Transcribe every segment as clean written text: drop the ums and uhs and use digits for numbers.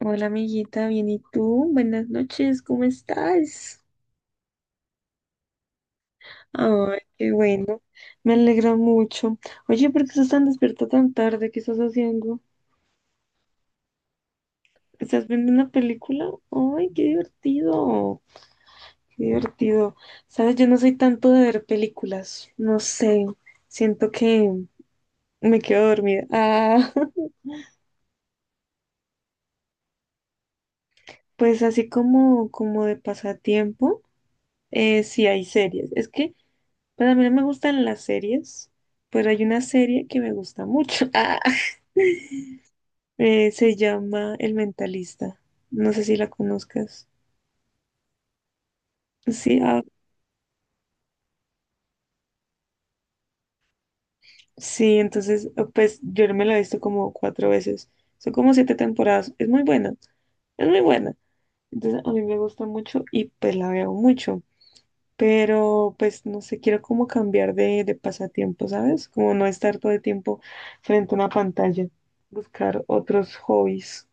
Hola amiguita, bien, ¿y tú? Buenas noches, ¿cómo estás? Ay, qué bueno, me alegra mucho. Oye, ¿por qué estás tan despierta tan tarde? ¿Qué estás haciendo? ¿Estás viendo una película? Ay, qué divertido, qué divertido. Sabes, yo no soy tanto de ver películas, no sé, siento que me quedo dormida. Ah, pues así como, como de pasatiempo, sí hay series. Es que pues a mí no me gustan las series, pero hay una serie que me gusta mucho. Ah, se llama El Mentalista. No sé si la conozcas. Sí, ah, sí, entonces, pues yo me la he visto como cuatro veces. Son como siete temporadas. Es muy buena, es muy buena. Entonces a mí me gusta mucho y pues la veo mucho. Pero pues no sé, quiero como cambiar de pasatiempo, ¿sabes? Como no estar todo el tiempo frente a una pantalla. Buscar otros hobbies.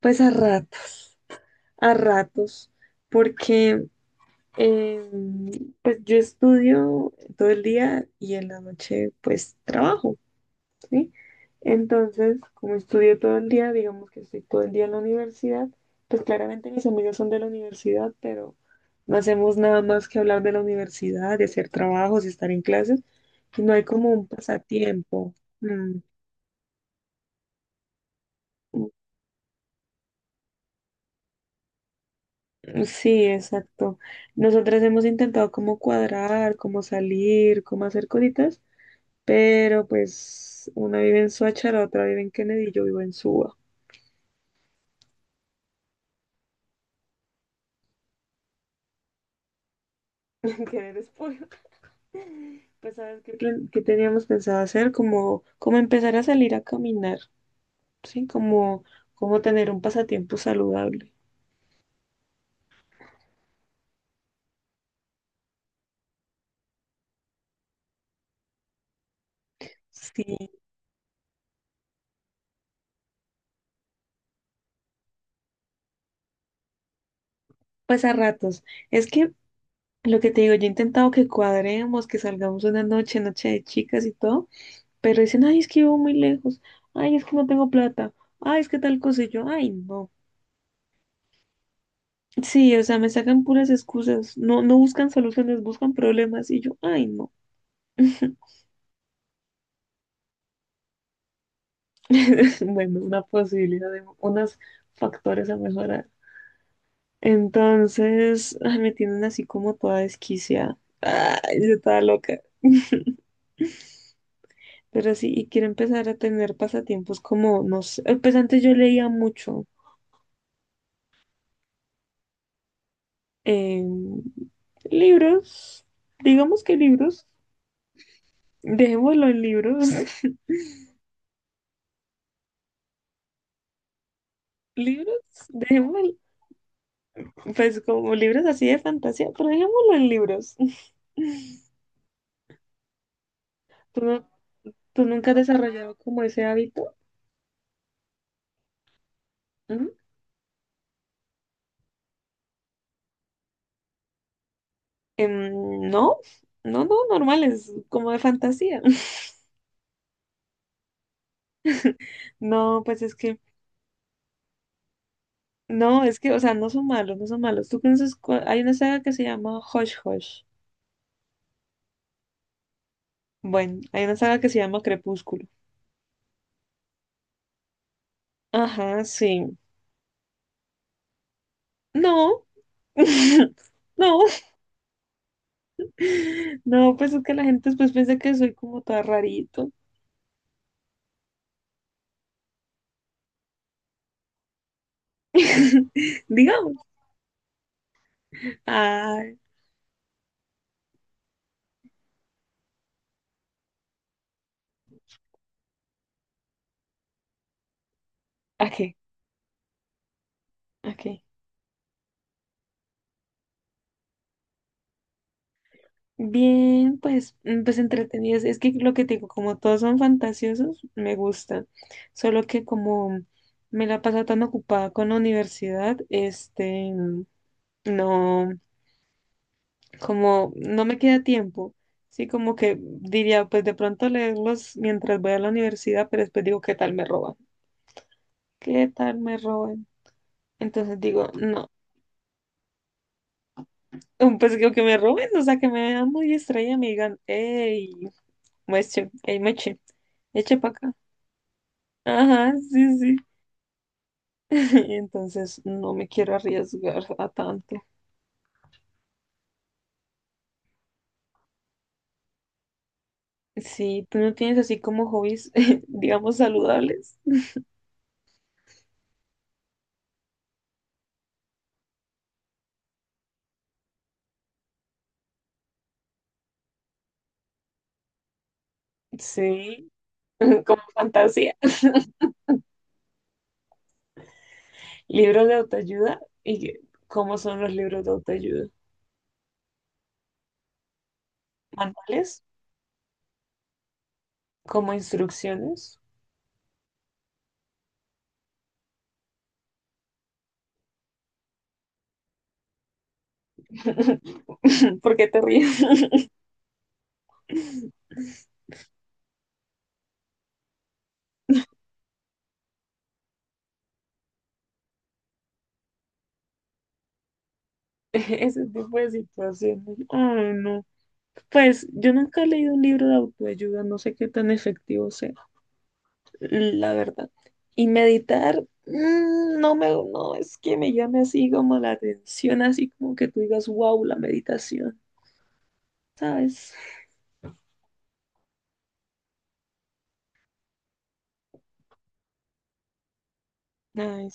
Pues a ratos, a ratos, porque eh, pues yo estudio todo el día y en la noche pues trabajo, ¿sí? Entonces, como estudio todo el día, digamos que estoy todo el día en la universidad, pues claramente mis amigos son de la universidad, pero no hacemos nada más que hablar de la universidad, de hacer trabajos, de estar en clases, y no hay como un pasatiempo. Mm, Sí, exacto. Nosotras hemos intentado como cuadrar, como salir, como hacer cositas, pero pues una vive en Soacha, la otra vive en Kennedy y yo vivo en Suba. En Kennedy es Puebla. Pues sabes qué, qué teníamos pensado hacer, como, como empezar a salir a caminar, ¿sí? Como, como tener un pasatiempo saludable. Sí, pues a ratos. Es que lo que te digo, yo he intentado que cuadremos, que salgamos una noche, noche de chicas y todo. Pero dicen, ay, es que vivo muy lejos, ay, es que no tengo plata, ay, es que tal cosa, y yo, ay, no. Sí, o sea, me sacan puras excusas, no, no buscan soluciones, buscan problemas, y yo, ay, no. Bueno, una posibilidad de unos factores a mejorar. Entonces, ay, me tienen así como toda desquiciada. Ay, yo estaba loca. Pero sí, y quiero empezar a tener pasatiempos como, no sé, pues antes yo leía mucho, eh, libros, digamos que libros. Dejémoslo en libros. Libros, dejémoslo, pues como libros así de fantasía, pero dejémoslo en libros. ¿Tú, no- tú nunca has desarrollado como ese hábito? ¿Mm? No, no, normales, como de fantasía. No, pues es que, no, es que, o sea, no son malos, no son malos. ¿Tú conoces hay una saga que se llama Hush Hush. Bueno, hay una saga que se llama Crepúsculo. Ajá, sí. No, no. No, pues es que la gente después piensa que soy como toda rarito. Digamos. Ay, ok, ok. Bien, pues, mm, pues entretenidos. Es que lo que te digo, como todos son fantasiosos, me gusta. Solo que como me la paso tan ocupada con la universidad, este, no, como no me queda tiempo. Sí, como que diría, pues de pronto leerlos mientras voy a la universidad, pero después digo, ¿qué tal me roban? ¿Qué tal me roban? Entonces digo, no, un pescado que me roben, o sea, que me vean muy extraña me digan, hey, mueche, hey, meche, eche para acá. Ajá, sí, sí. Entonces no me quiero arriesgar a tanto. Sí, tú no tienes así como hobbies, digamos, saludables. Sí, como fantasía. Libros de autoayuda. ¿Y cómo son los libros de autoayuda? ¿Manuales? ¿Como instrucciones? ¿Por qué te ríes? Ese tipo de situaciones. Ay, no. Pues yo nunca he leído un libro de autoayuda, no sé qué tan efectivo sea, la verdad. Y meditar, mm, no es que me llame así como la atención, así como que tú digas, wow, la meditación, ¿sabes? Ay,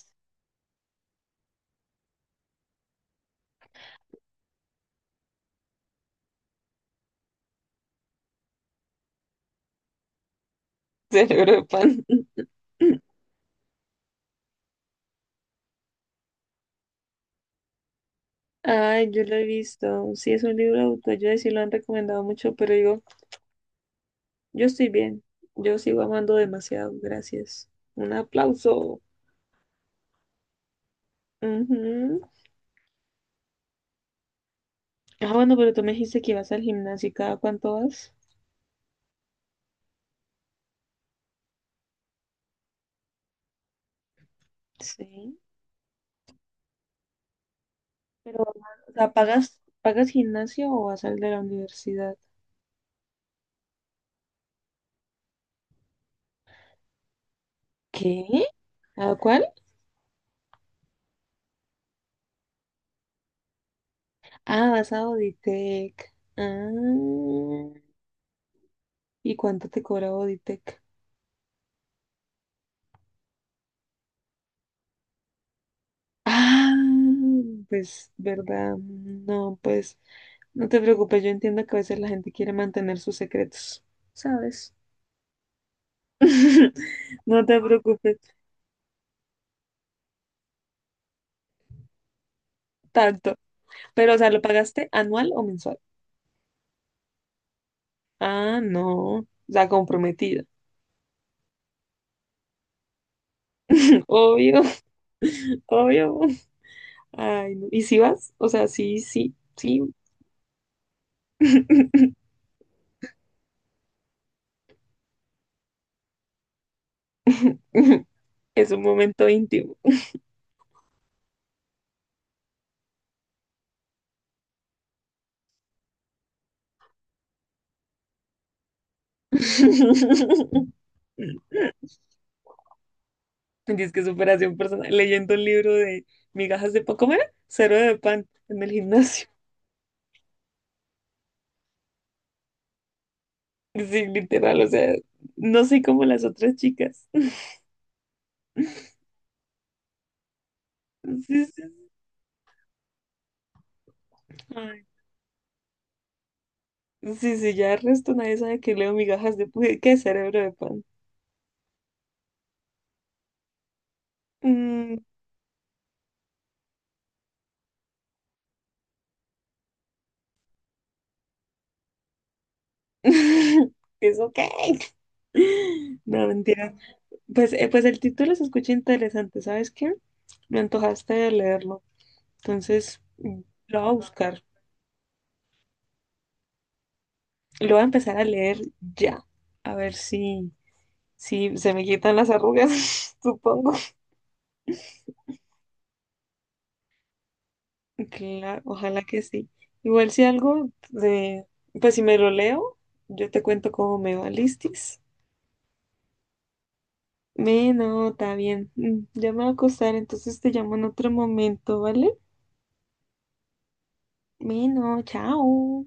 cerebro de pan. Ay, yo lo he visto. Sí, es un libro de autoayuda y sí lo han recomendado mucho, pero digo, yo estoy bien. Yo sigo amando demasiado, gracias. Un aplauso. Ujú. Ah, bueno, pero tú me dijiste que ibas al gimnasio. ¿Y cada cuánto vas? Sí. Pero, o sea, pagas gimnasio o vas al de la universidad? ¿Qué? ¿A cuál? Ah, vas a Auditec. Ah, ¿y cuánto te cobra Auditec? Ah, pues, ¿verdad? No, pues, no te preocupes. Yo entiendo que a veces la gente quiere mantener sus secretos, ¿sabes? No te preocupes tanto. Pero, o sea, ¿lo pagaste anual o mensual? Ah, no. La comprometida. Obvio, obvio. Ay, no. ¿Y si vas? O sea, sí, sí, sí. Es un momento íntimo. Dices que superación personal. Leyendo un libro de migajas de pan. ¿Cómo era? Cero de pan en el gimnasio. Sí, literal. O sea, no soy como las otras chicas. Sí, sí, sí. Ay, sí, sí, ya el resto nadie sabe que leo migajas de pan. ¿Qué cerebro de pan? Mm, es ok. No, mentira. Pues, pues el título se escucha interesante, ¿sabes qué? Me antojaste de leerlo. Entonces, mm, lo voy a buscar. Lo voy a empezar a leer ya. A ver si, si se me quitan las arrugas, supongo. Claro, ojalá que sí. Igual si algo de, pues si me lo leo, yo te cuento cómo me va, ¿listis? Me, no, está bien. Mm, ya me va a acostar, entonces te llamo en otro momento, ¿vale? Bueno, chao.